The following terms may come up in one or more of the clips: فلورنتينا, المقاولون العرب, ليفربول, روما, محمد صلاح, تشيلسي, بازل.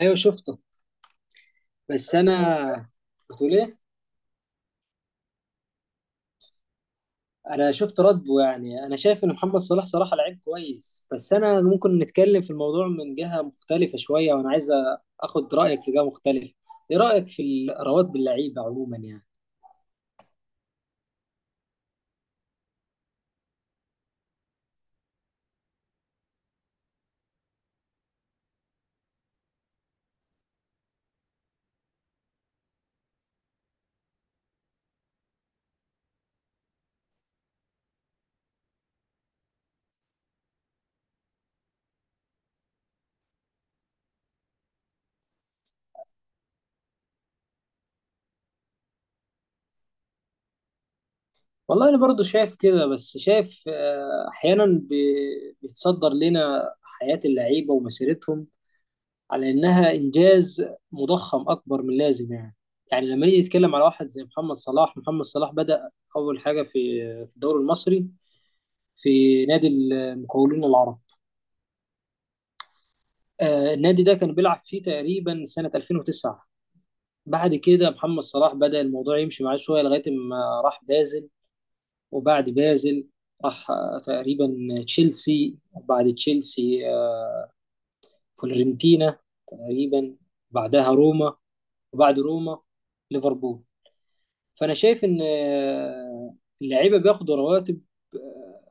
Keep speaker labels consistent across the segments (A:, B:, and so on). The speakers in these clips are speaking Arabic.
A: ايوه، شفته. بس انا بتقول ايه؟ انا شفت رده. يعني انا شايف ان محمد صلاح صراحه لعيب كويس، بس انا ممكن نتكلم في الموضوع من جهه مختلفه شويه، وانا عايز اخد رايك في جهه مختلفه. ايه رايك في الاراءات باللعيبه عموما يعني؟ والله انا برضو شايف كده، بس شايف احيانا بيتصدر لنا حياه اللعيبه ومسيرتهم على انها انجاز مضخم اكبر من اللازم يعني. يعني لما نيجي نتكلم على واحد زي محمد صلاح، محمد صلاح بدأ اول حاجه في الدوري المصري، في نادي المقاولون العرب. النادي ده كان بيلعب فيه تقريبا سنه 2009. بعد كده محمد صلاح بدأ الموضوع يمشي معاه شويه لغايه ما راح بازل. وبعد بازل راح تقريبا تشيلسي، وبعد تشيلسي فلورنتينا، تقريبا بعدها روما، وبعد روما ليفربول. فانا شايف ان اللعيبه بياخدوا رواتب. آه،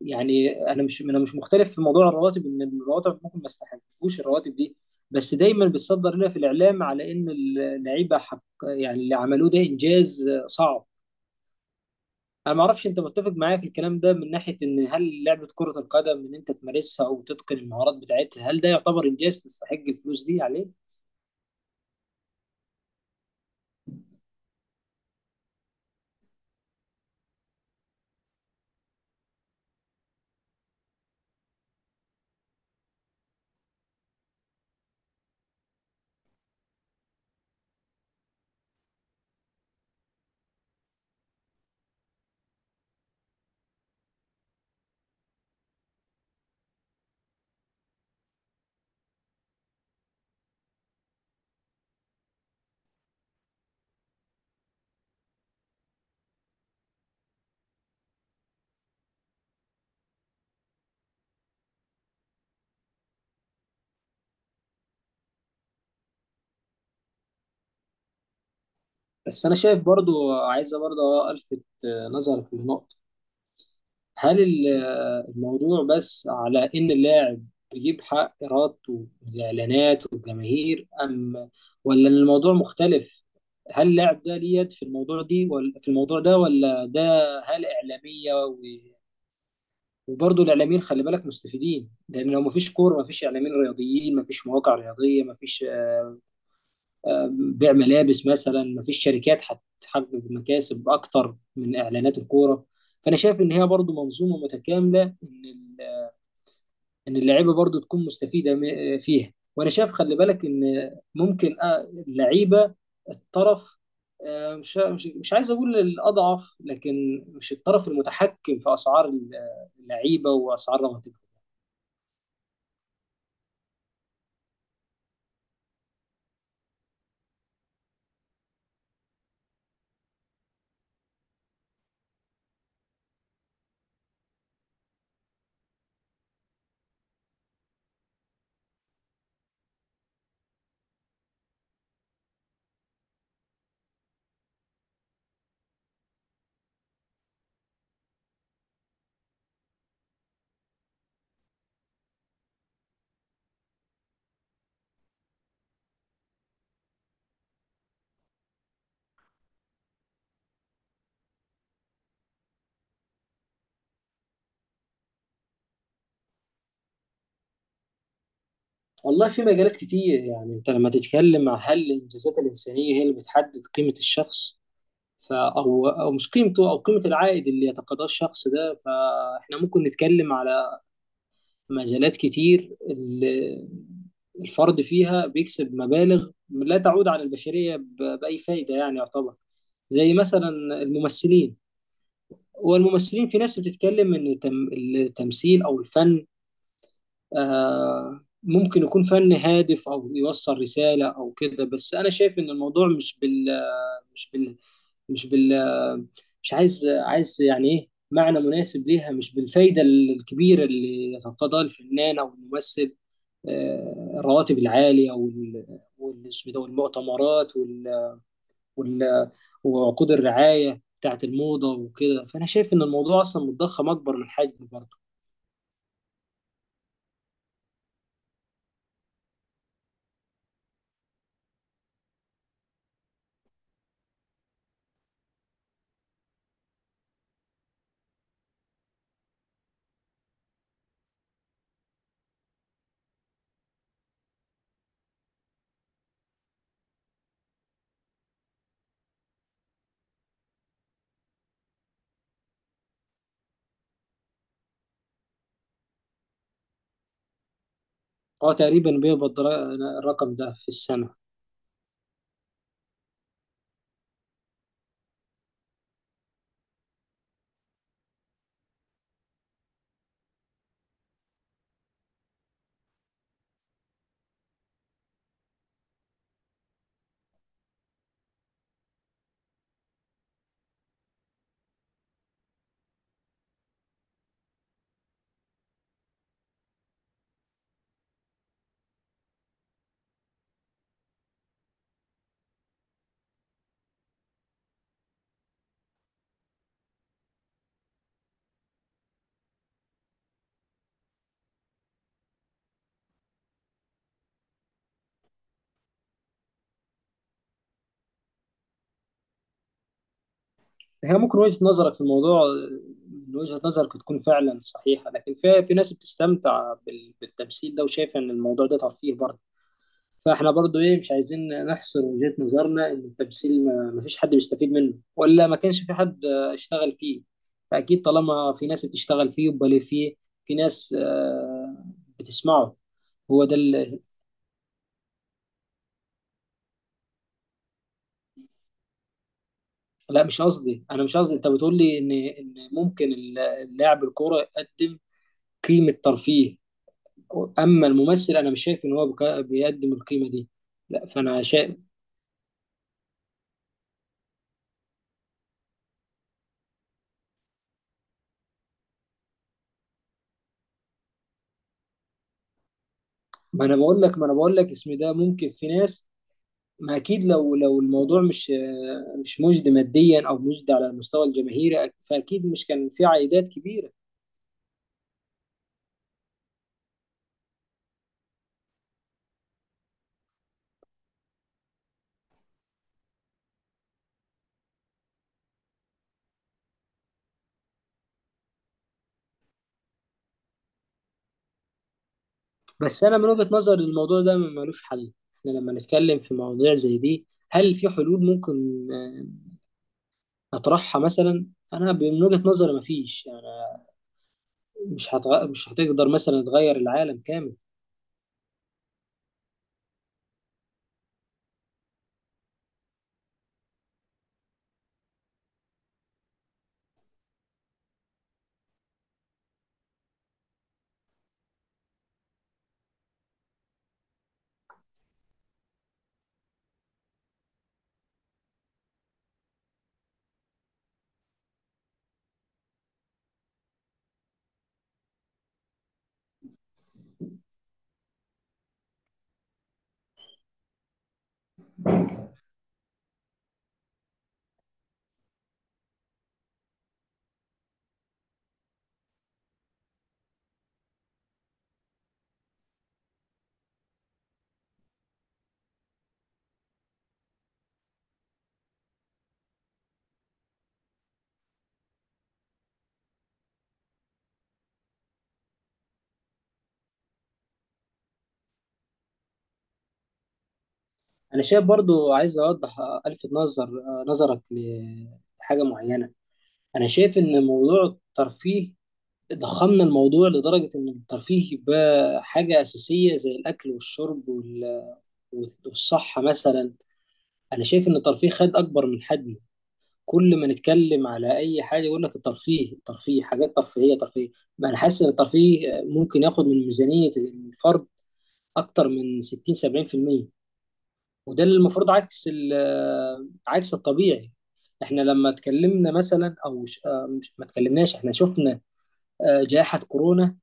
A: يعني انا مش مختلف في موضوع الرواتب، ان الرواتب ممكن ما استحقوش الرواتب دي، بس دايما بتصدر لنا في الاعلام على ان اللعيبه حق، يعني اللي عملوه ده انجاز صعب. انا ما اعرفش انت متفق معايا في الكلام ده من ناحيه ان هل لعبه كره القدم ان انت تمارسها او تتقن المهارات بتاعتها، هل ده يعتبر انجاز تستحق الفلوس دي عليه؟ بس انا شايف برضو، عايزه برضو الفت نظرك لنقطه. هل الموضوع بس على إن اللاعب بيجيب حق إرادته والإعلانات والجماهير، أم ولا إن الموضوع مختلف؟ هل اللاعب ده ليه يد في الموضوع دي، ولا في الموضوع ده ولا ده؟ هل إعلامية وبرضه الإعلاميين خلي بالك مستفيدين، لأن لو مفيش كورة مفيش إعلاميين رياضيين، مفيش مواقع رياضية، مفيش بيع ملابس مثلا، مفيش شركات هتحقق مكاسب أكتر من إعلانات الكورة. فأنا شايف إن هي برضه منظومة متكاملة، إن ان اللعيبه برضو تكون مستفيده فيها. وانا شايف، خلي بالك، ان ممكن اللعيبه الطرف، مش عايز اقول الاضعف، لكن مش الطرف المتحكم في اسعار اللعيبه واسعار رواتبهم. والله في مجالات كتير. يعني انت لما تتكلم عن هل الانجازات الانسانيه هي اللي بتحدد قيمه الشخص، ف او مش قيمته، او قيمه العائد اللي يتقاضاه الشخص ده، فاحنا ممكن نتكلم على مجالات كتير الفرد فيها بيكسب مبالغ لا تعود على البشرية بأي فايدة، يعني يعتبر زي مثلا الممثلين. والممثلين، في ناس بتتكلم إن التمثيل أو الفن ممكن يكون فن هادف أو يوصل رسالة أو كده، بس أنا شايف إن الموضوع مش بال مش بال مش عايز عايز، يعني إيه معنى مناسب ليها، مش بالفايدة الكبيرة اللي يتقاضاها الفنان أو الممثل. الرواتب العالية اسمه ده، والمؤتمرات، وال... وعقود الرعاية بتاعت الموضة وكده، فأنا شايف إن الموضوع أصلا متضخم أكبر من حجمه برضه. هو تقريبا بيقبض الرقم ده في السنة. هي ممكن وجهة نظرك في الموضوع، من وجهة نظرك تكون فعلا صحيحة، لكن في ناس بتستمتع بالتمثيل ده وشايفة إن الموضوع ده ترفيه برضه. فاحنا برضو ايه، مش عايزين نحصر وجهة نظرنا ان التمثيل ما فيش حد بيستفيد منه، ولا ما كانش في حد اشتغل فيه. فاكيد طالما في ناس بتشتغل فيه، يبقى ليه فيه في ناس بتسمعه. هو ده اللي... لا مش قصدي، انا مش قصدي، انت بتقول لي ان ممكن لاعب الكوره يقدم قيمه ترفيه، اما الممثل انا مش شايف ان هو بيقدم القيمه دي. لا فانا شايف. ما انا بقول لك، اسم ده ممكن في ناس. ما اكيد، لو الموضوع مش مجدي ماديا، او مجدي على المستوى الجماهيري، فاكيد مش كان في عائدات كبيره. بس انا من وجهه نظري الموضوع ده ملوش حل. احنا لما نتكلم في مواضيع زي دي، هل في حلول ممكن نطرحها مثلا؟ انا من وجهه نظري مفيش، يعني مش هتقدر مثلا تغير العالم كامل. انا شايف برضو، عايز اوضح، الفت نظر، نظرك لحاجه معينه. انا شايف ان موضوع الترفيه، ضخمنا الموضوع لدرجة إن الترفيه بقى حاجة أساسية زي الأكل والشرب والصحة مثلا. أنا شايف إن الترفيه خد أكبر من حجمه. كل ما نتكلم على أي حاجة يقول لك الترفيه، الترفيه، حاجات ترفيهية، ترفيه. ما أنا حاسس إن الترفيه ممكن ياخد من ميزانية الفرد أكتر من 60 70%، وده اللي المفروض عكس عكس الطبيعي. احنا لما اتكلمنا مثلا ما اتكلمناش، احنا شفنا جائحة كورونا.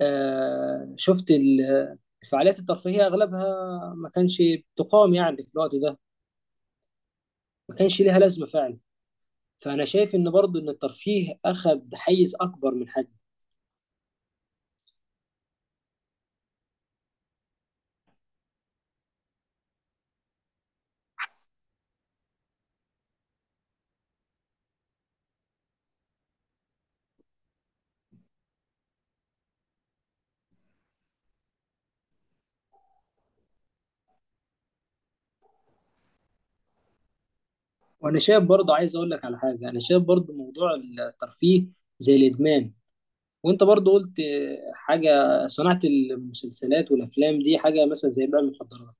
A: آه، شفت الفعاليات الترفيهية أغلبها ما كانش بتقام يعني في الوقت ده، ما كانش ليها لازمة فعلا. فأنا شايف إن برضو إن الترفيه أخد حيز أكبر من حجمه. وأنا شايف برضو، عايز أقول لك على حاجة. أنا شايف برضو موضوع الترفيه زي الإدمان. وانت برضو قلت حاجة، صناعة المسلسلات والافلام دي حاجة مثلا زي بيع المخدرات.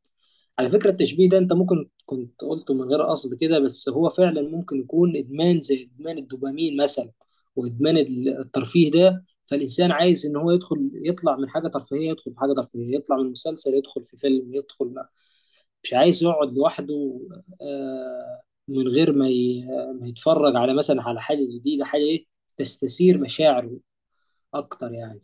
A: على فكرة التشبيه ده، انت ممكن كنت قلته من غير قصد كده، بس هو فعلا ممكن يكون ادمان زي ادمان الدوبامين مثلا. وادمان الترفيه ده، فالانسان عايز ان هو يدخل، يطلع من حاجة ترفيهية يدخل في حاجة ترفيهية، يطلع من مسلسل يدخل في فيلم، يدخل، مش عايز يقعد لوحده آه، من غير ما يتفرج على مثلا، على حاجة جديدة، حاجة ايه، تستثير مشاعره اكتر يعني.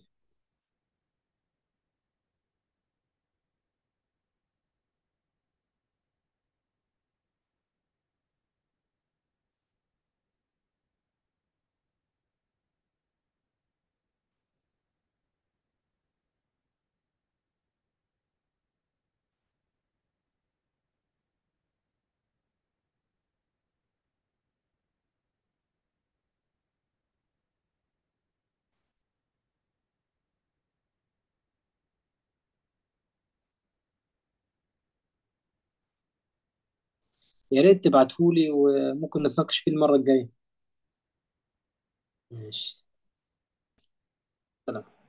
A: يا ريت تبعتهولي، وممكن نتناقش فيه المرة الجاية. ماشي. سلام.